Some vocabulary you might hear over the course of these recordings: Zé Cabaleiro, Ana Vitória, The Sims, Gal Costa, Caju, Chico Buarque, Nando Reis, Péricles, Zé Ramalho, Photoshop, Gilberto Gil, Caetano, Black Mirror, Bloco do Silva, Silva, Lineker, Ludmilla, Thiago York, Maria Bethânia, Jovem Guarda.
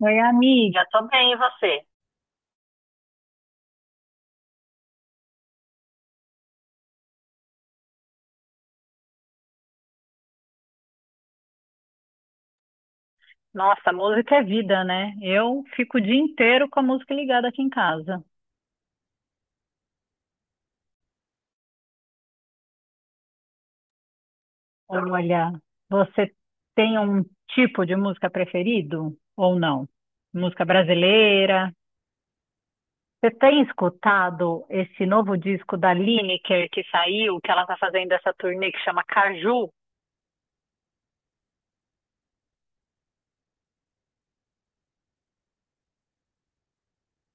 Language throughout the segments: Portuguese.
Oi, amiga, tô bem, e você? Nossa, música é vida, né? Eu fico o dia inteiro com a música ligada aqui em casa. Olha, você tem um tipo de música preferido ou não? Música brasileira? Você tem escutado esse novo disco da Lineker que saiu, que ela tá fazendo essa turnê que chama Caju?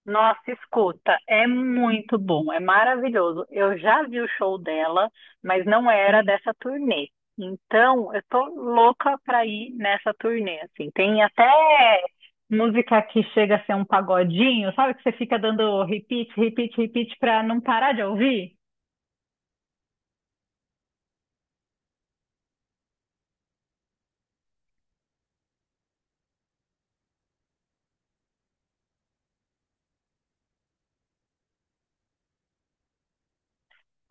Nossa, escuta, é muito bom, é maravilhoso. Eu já vi o show dela, mas não era dessa turnê. Então, eu tô louca pra ir nessa turnê, assim. Tem até música que chega a ser um pagodinho, sabe? Que você fica dando repeat, repeat, repeat pra não parar de ouvir?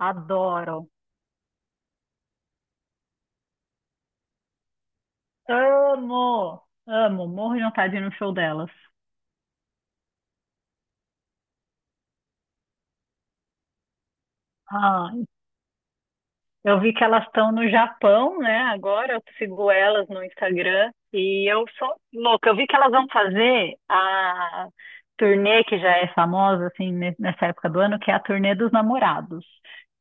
Adoro. Amo, amo. Morro de vontade de ir no show delas. Eu vi que elas estão no Japão, né? Agora eu sigo elas no Instagram e eu sou louca. Eu vi que elas vão fazer a turnê que já é famosa assim nessa época do ano, que é a turnê dos namorados.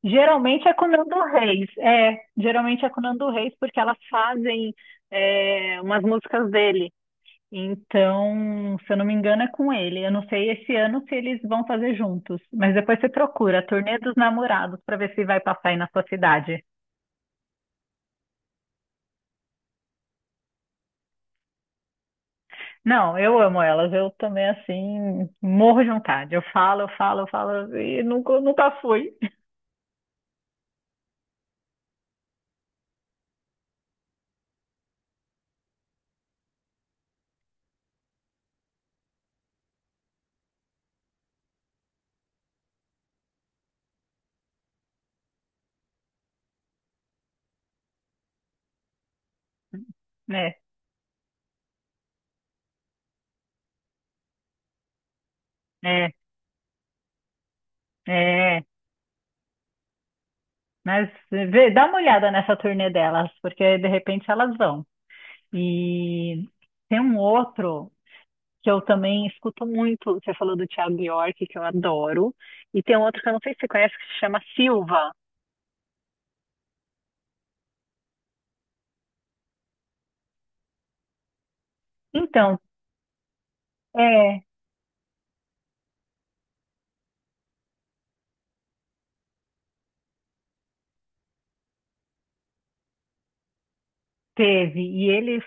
Geralmente é com o Nando Reis, geralmente é com o Nando Reis porque elas fazem umas músicas dele. Então, se eu não me engano, é com ele. Eu não sei esse ano se eles vão fazer juntos, mas depois você procura a turnê dos namorados para ver se vai passar aí na sua cidade. Não, eu amo elas. Eu também, assim, morro de vontade. Eu falo e nunca fui, né? É, é. Mas vê, dá uma olhada nessa turnê delas, porque de repente elas vão. E tem um outro que eu também escuto muito. Você falou do Thiago York, que eu adoro. E tem um outro que eu não sei se você conhece, que se chama Silva. Então, é. Teve, e ele,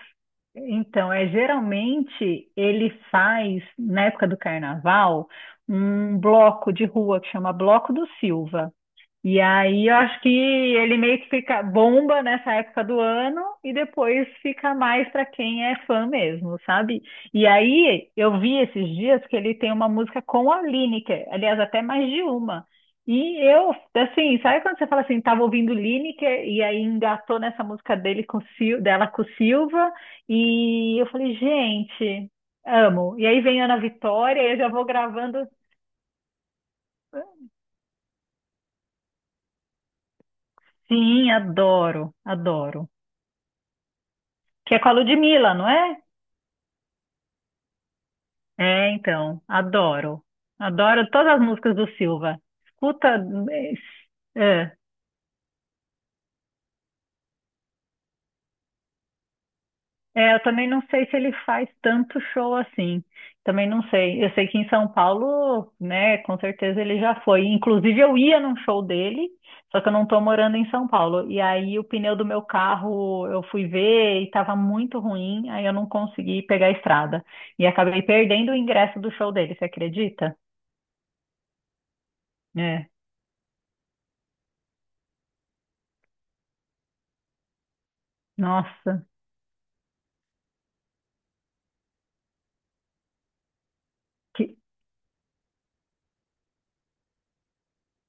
então, é geralmente ele faz, na época do carnaval, um bloco de rua que chama Bloco do Silva. E aí eu acho que ele meio que fica bomba nessa época do ano e depois fica mais para quem é fã mesmo, sabe? E aí eu vi esses dias que ele tem uma música com a Lineker, aliás, até mais de uma. E eu, assim, sabe quando você fala assim, tava ouvindo Lineker e aí engatou nessa música dele com o dela com o Silva e eu falei, gente, amo. E aí vem Ana Vitória e eu já vou gravando. Sim, adoro, adoro. Que é com a Ludmilla, não é? É, então, adoro. Adoro todas as músicas do Silva. Escuta, é, eu também não sei se ele faz tanto show assim. Também não sei. Eu sei que em São Paulo, né, com certeza ele já foi. Inclusive eu ia num show dele, só que eu não tô morando em São Paulo. E aí o pneu do meu carro eu fui ver e tava muito ruim, aí eu não consegui pegar a estrada. E acabei perdendo o ingresso do show dele, você acredita? É, nossa. Que...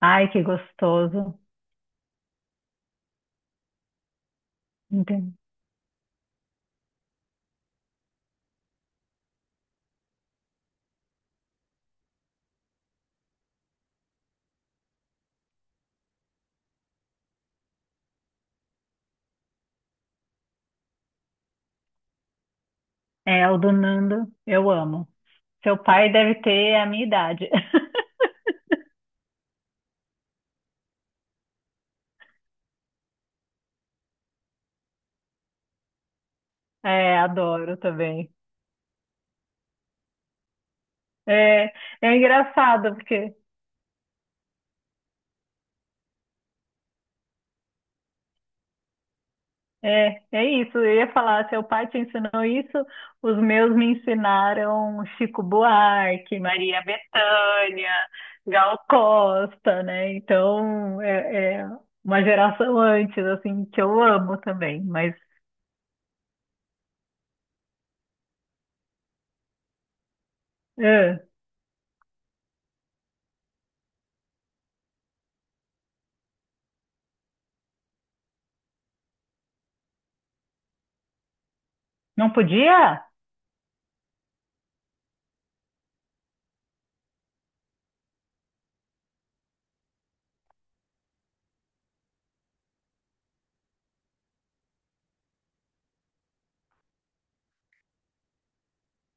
Ai, que gostoso. Entendi. É, o do Nando, eu amo. Seu pai deve ter a minha idade. É, adoro também. É, é engraçado, porque Eu ia falar, seu pai te ensinou isso, os meus me ensinaram Chico Buarque, Maria Bethânia, Gal Costa, né? Então, é uma geração antes, assim, que eu amo também. Mas, é, não podia?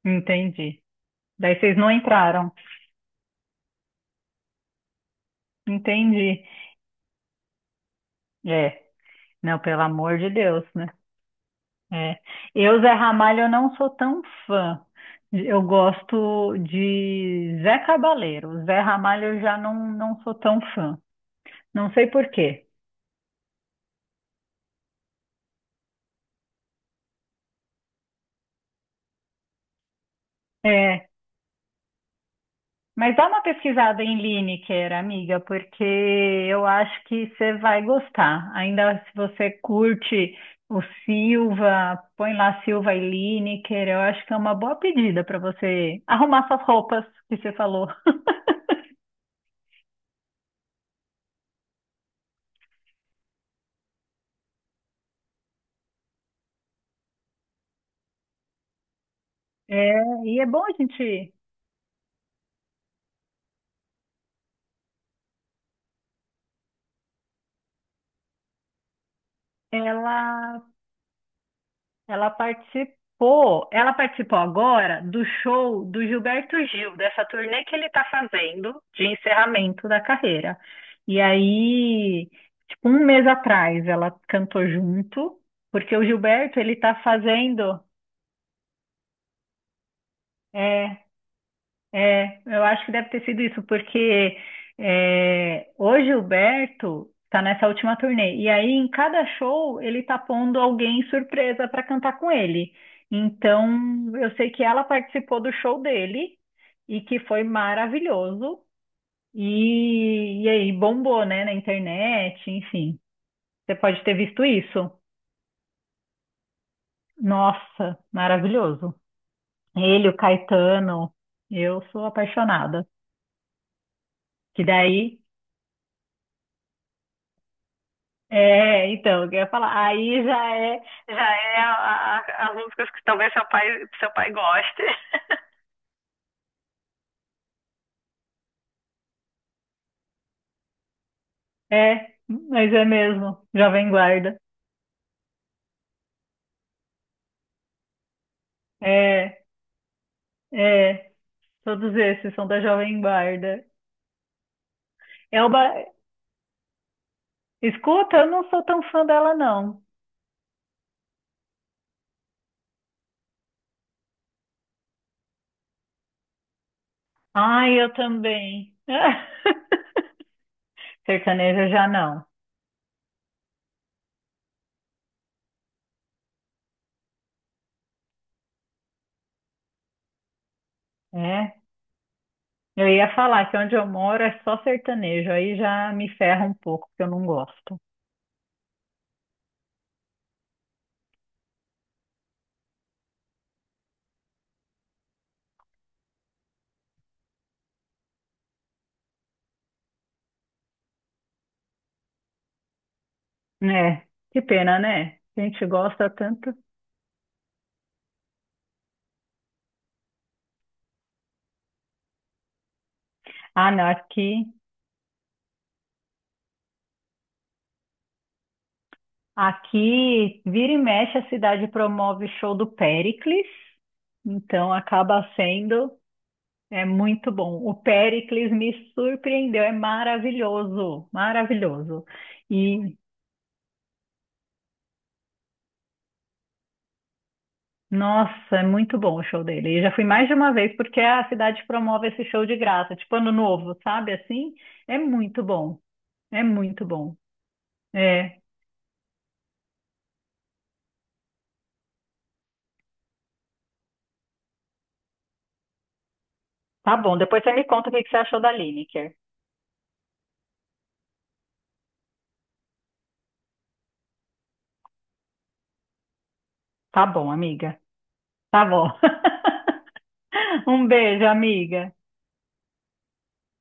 Entendi. Daí vocês não entraram. Entendi. É, não, pelo amor de Deus, né? É. Eu, Zé Ramalho, eu não sou tão fã. Eu gosto de Zé Cabaleiro. Zé Ramalho eu já não, não sou tão fã. Não sei por quê. É, mas dá uma pesquisada em Lineker, amiga, porque eu acho que você vai gostar. Ainda se você curte o Silva, põe lá Silva e Lineker, eu acho que é uma boa pedida para você arrumar suas roupas que você falou. É, e é bom a gente. Ela ela participou agora do show do Gilberto Gil, dessa turnê que ele está fazendo de encerramento da carreira. E aí, tipo, um mês atrás, ela cantou junto, porque o Gilberto, ele tá fazendo. é, É, eu acho que deve ter sido isso, porque o Gilberto tá nessa última turnê. E aí, em cada show, ele tá pondo alguém surpresa para cantar com ele. Então, eu sei que ela participou do show dele e que foi maravilhoso. E aí, bombou, né, na internet, enfim. Você pode ter visto isso. Nossa, maravilhoso. Ele, o Caetano, eu sou apaixonada. Que daí. É, então, eu ia falar, aí já é as músicas que talvez seu pai goste. É, mas é mesmo, Jovem Guarda. É, é, todos esses são da Jovem Guarda. Elba, escuta, eu não sou tão fã dela, não. Ai, eu também. Sertanejo já não, né? Eu ia falar que onde eu moro é só sertanejo, aí já me ferra um pouco, porque eu não gosto. É, que pena, né? A gente gosta tanto. Ah, não, aqui, aqui vira e mexe a cidade promove show do Péricles, então acaba sendo é muito bom. O Péricles me surpreendeu, é maravilhoso, maravilhoso. E nossa, é muito bom o show dele. Eu já fui mais de uma vez porque a cidade promove esse show de graça, tipo ano novo, sabe? Assim, é muito bom, é muito bom. É, tá bom, depois você me conta o que que você achou da Lineker. Tá bom, amiga. Tá bom. Um beijo, amiga.